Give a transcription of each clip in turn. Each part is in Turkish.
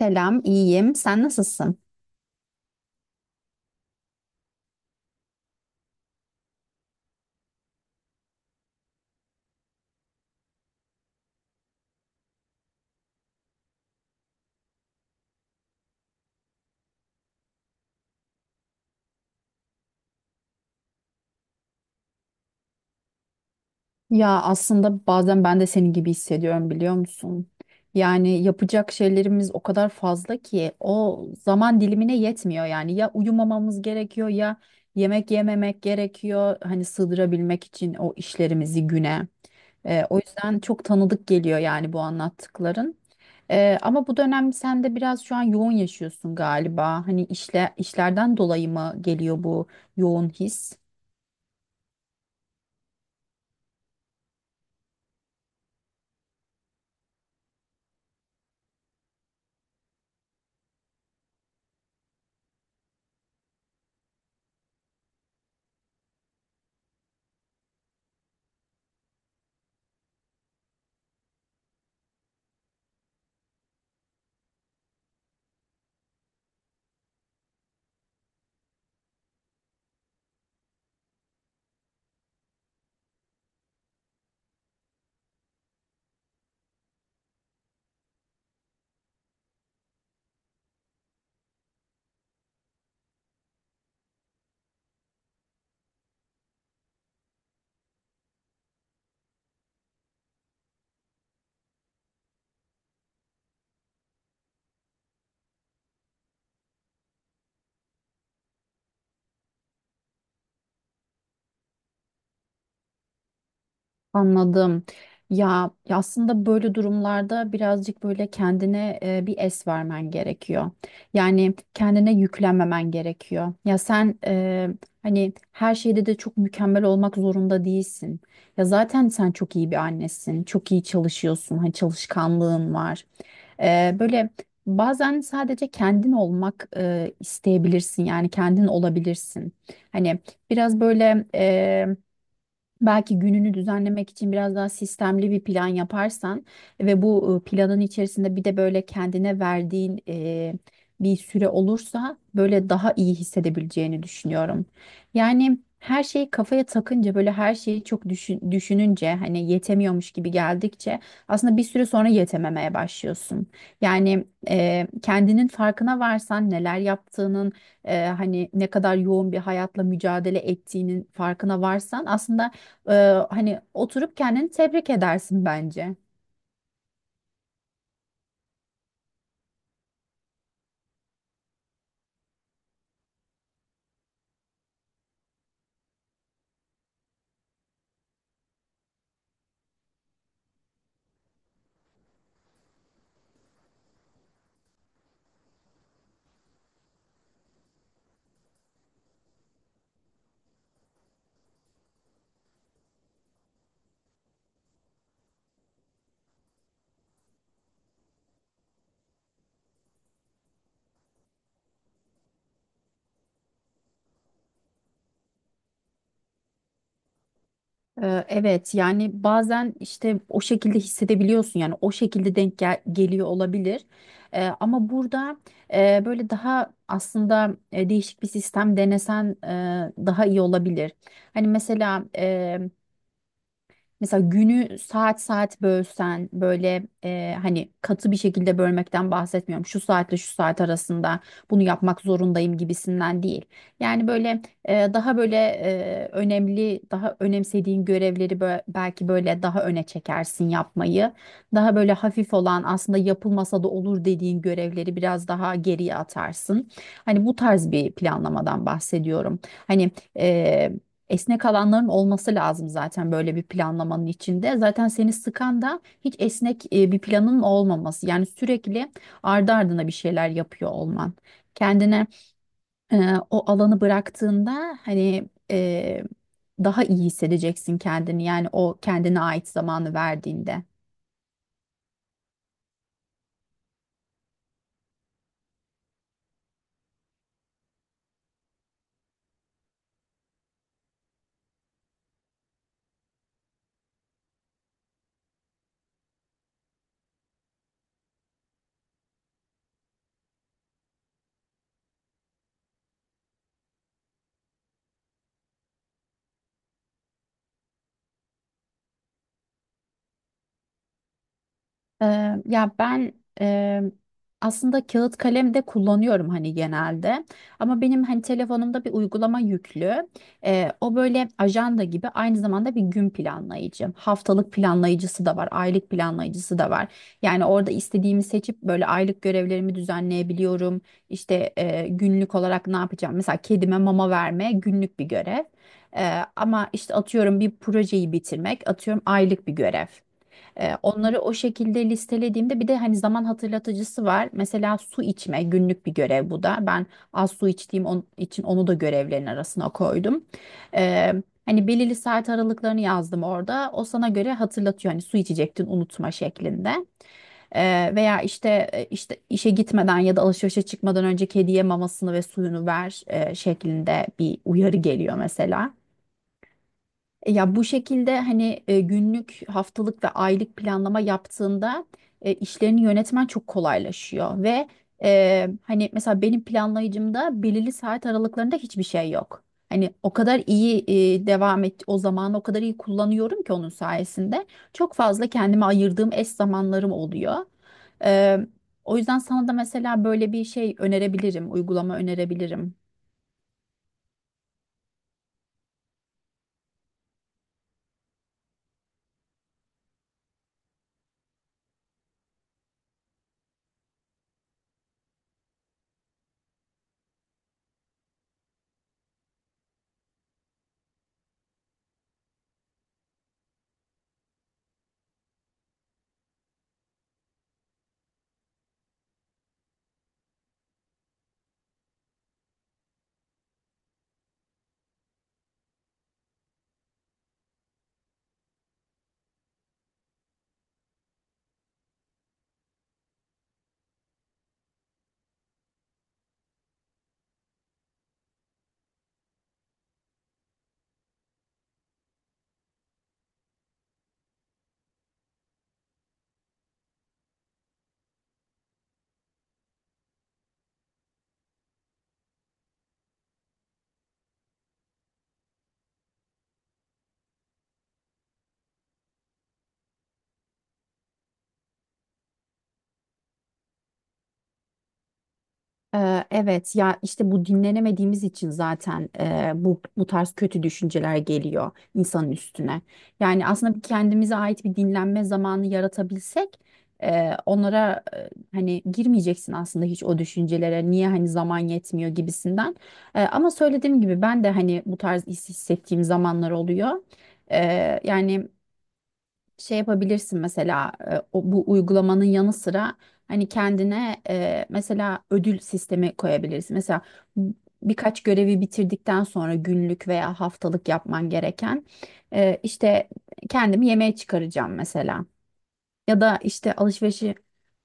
Selam, iyiyim. Sen nasılsın? Ya aslında bazen ben de senin gibi hissediyorum, biliyor musun? Yani yapacak şeylerimiz o kadar fazla ki o zaman dilimine yetmiyor yani. Ya uyumamamız gerekiyor ya yemek yememek gerekiyor. Hani sığdırabilmek için o işlerimizi güne. O yüzden çok tanıdık geliyor yani bu anlattıkların. Ama bu dönem sen de biraz şu an yoğun yaşıyorsun galiba. Hani işle, işlerden dolayı mı geliyor bu yoğun his? Anladım. Ya aslında böyle durumlarda birazcık böyle kendine bir es vermen gerekiyor. Yani kendine yüklenmemen gerekiyor. Ya sen hani her şeyde de çok mükemmel olmak zorunda değilsin. Ya zaten sen çok iyi bir annesin. Çok iyi çalışıyorsun. Hani çalışkanlığın var. Böyle bazen sadece kendin olmak isteyebilirsin. Yani kendin olabilirsin. Hani biraz böyle belki gününü düzenlemek için biraz daha sistemli bir plan yaparsan ve bu planın içerisinde bir de böyle kendine verdiğin bir süre olursa böyle daha iyi hissedebileceğini düşünüyorum. Yani her şeyi kafaya takınca böyle her şeyi çok düşününce hani yetemiyormuş gibi geldikçe aslında bir süre sonra yetememeye başlıyorsun. Yani kendinin farkına varsan neler yaptığının, hani ne kadar yoğun bir hayatla mücadele ettiğinin farkına varsan aslında, ee, hani oturup kendini tebrik edersin bence. Evet, yani bazen işte o şekilde hissedebiliyorsun, yani o şekilde geliyor olabilir. Ama burada böyle daha aslında değişik bir sistem denesen daha iyi olabilir. Hani mesela, mesela günü saat saat bölsen böyle, hani katı bir şekilde bölmekten bahsetmiyorum. Şu saatle şu saat arasında bunu yapmak zorundayım gibisinden değil. Yani böyle daha böyle önemli, daha önemsediğin görevleri belki böyle daha öne çekersin yapmayı. Daha böyle hafif olan, aslında yapılmasa da olur dediğin görevleri biraz daha geriye atarsın. Hani bu tarz bir planlamadan bahsediyorum. Hani esnek alanların olması lazım zaten böyle bir planlamanın içinde. Zaten seni sıkan da hiç esnek bir planın olmaması. Yani sürekli ardı ardına bir şeyler yapıyor olman. Kendine o alanı bıraktığında hani daha iyi hissedeceksin kendini, yani o kendine ait zamanı verdiğinde. Ya ben eee, aslında kağıt kalem de kullanıyorum hani genelde, ama benim hani telefonumda bir uygulama yüklü. O böyle ajanda gibi, aynı zamanda bir gün planlayıcı, haftalık planlayıcısı da var, aylık planlayıcısı da var. Yani orada istediğimi seçip böyle aylık görevlerimi düzenleyebiliyorum. İşte günlük olarak ne yapacağım, mesela kedime mama verme günlük bir görev. Ama işte atıyorum bir projeyi bitirmek atıyorum aylık bir görev. Onları o şekilde listelediğimde bir de hani zaman hatırlatıcısı var. Mesela su içme günlük bir görev bu da. Ben az su içtiğim için onu da görevlerin arasına koydum. E, Hani belirli saat aralıklarını yazdım orada. O sana göre hatırlatıyor, hani su içecektin unutma şeklinde. Veya işte işte işe gitmeden ya da alışverişe çıkmadan önce kediye mamasını ve suyunu ver şeklinde bir uyarı geliyor mesela. Ya bu şekilde hani günlük, haftalık ve aylık planlama yaptığında işlerini yönetmen çok kolaylaşıyor ve hani mesela benim planlayıcımda belirli saat aralıklarında hiçbir şey yok. Hani o kadar iyi devam et, o zamanı o kadar iyi kullanıyorum ki onun sayesinde çok fazla kendime ayırdığım eş zamanlarım oluyor. E, O yüzden sana da mesela böyle bir şey önerebilirim, uygulama önerebilirim. Evet ya, işte bu dinlenemediğimiz için zaten bu tarz kötü düşünceler geliyor insanın üstüne. Yani aslında bir kendimize ait bir dinlenme zamanı yaratabilsek onlara, hani girmeyeceksin aslında hiç o düşüncelere, niye hani zaman yetmiyor gibisinden. Ama söylediğim gibi ben de hani bu tarz hissettiğim zamanlar oluyor. Yani şey yapabilirsin mesela, bu uygulamanın yanı sıra hani kendine mesela ödül sistemi koyabilirsin. Mesela b- birkaç görevi bitirdikten sonra günlük veya haftalık yapman gereken, işte kendimi yemeğe çıkaracağım mesela. Ya da işte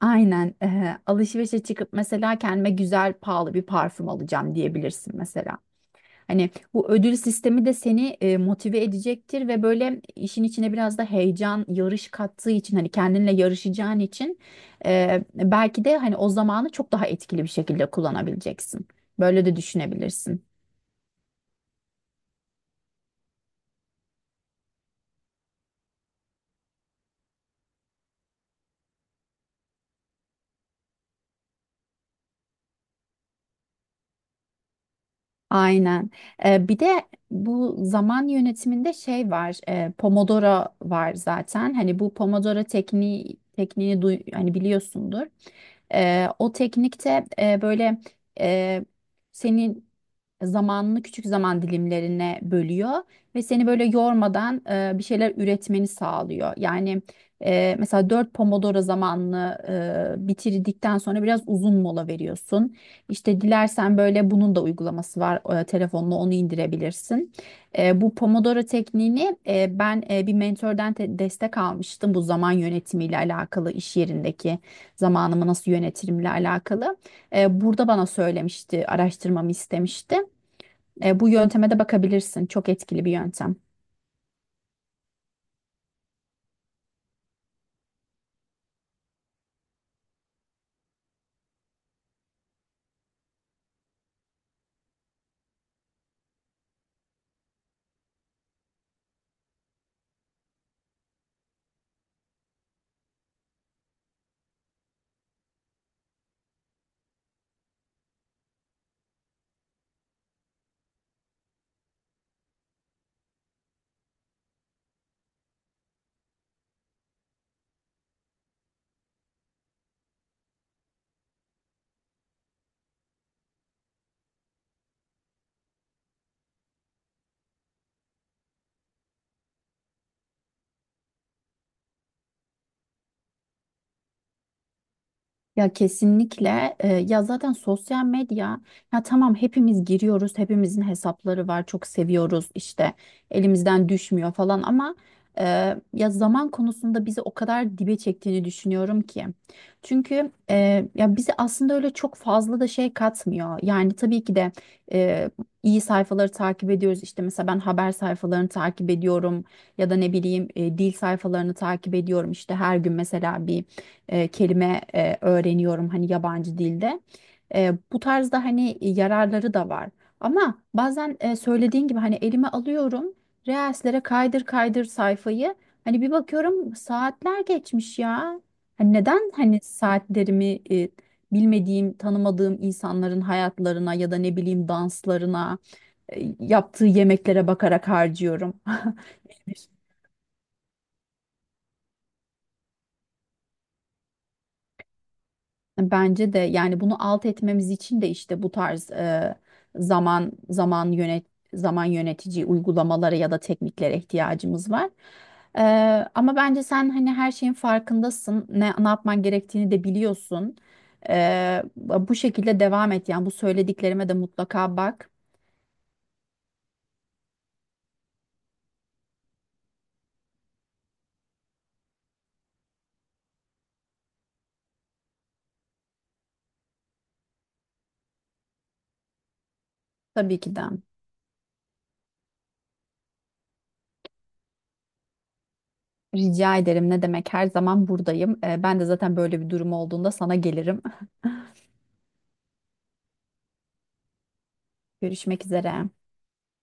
aynen, alışverişe çıkıp mesela kendime güzel pahalı bir parfüm alacağım diyebilirsin mesela. Hani bu ödül sistemi de seni motive edecektir ve böyle işin içine biraz da heyecan, yarış kattığı için, hani kendinle yarışacağın için belki de hani o zamanı çok daha etkili bir şekilde kullanabileceksin. Böyle de düşünebilirsin. Aynen. Bir de bu zaman yönetiminde şey var, Pomodoro var zaten. Hani bu Pomodoro tekniğini duy, hani biliyorsundur. O teknikte böyle e, senin zamanını küçük zaman dilimlerine bölüyor ve seni böyle yormadan bir şeyler üretmeni sağlıyor. Yani mesela 4 Pomodoro zamanını bitirdikten sonra biraz uzun mola veriyorsun. İşte dilersen böyle bunun da uygulaması var. Telefonla onu indirebilirsin. Bu Pomodoro tekniğini, ben bir mentordan destek almıştım. Bu zaman yönetimiyle alakalı, iş yerindeki zamanımı nasıl yönetirimle alakalı. Burada bana söylemişti, araştırmamı istemişti. Bu yönteme de bakabilirsin. Çok etkili bir yöntem. Ya kesinlikle. Ya zaten sosyal medya, ya tamam hepimiz giriyoruz, hepimizin hesapları var, çok seviyoruz işte, elimizden düşmüyor falan, ama e, ya zaman konusunda bizi o kadar dibe çektiğini düşünüyorum ki, çünkü ya bize aslında öyle çok fazla da şey katmıyor. Yani tabii ki de e, iyi sayfaları takip ediyoruz, işte mesela ben haber sayfalarını takip ediyorum, ya da ne bileyim dil sayfalarını takip ediyorum, işte her gün mesela bir kelime öğreniyorum hani yabancı dilde. Bu tarzda hani yararları da var. Ama bazen söylediğin gibi hani elime alıyorum Reels'lere, kaydır kaydır sayfayı. Hani bir bakıyorum saatler geçmiş ya. Hani neden hani saatlerimi bilmediğim, tanımadığım insanların hayatlarına ya da ne bileyim danslarına, yaptığı yemeklere bakarak harcıyorum. Bence de. Yani bunu alt etmemiz için de işte bu tarz zaman zaman yönet zaman yönetici uygulamalara ya da tekniklere ihtiyacımız var. E, Ama bence sen hani her şeyin farkındasın, ne yapman gerektiğini de biliyorsun. Bu şekilde devam et, yani bu söylediklerime de mutlaka bak. Tabii ki de. Rica ederim, ne demek, her zaman buradayım. Ben de zaten böyle bir durum olduğunda sana gelirim. Görüşmek üzere.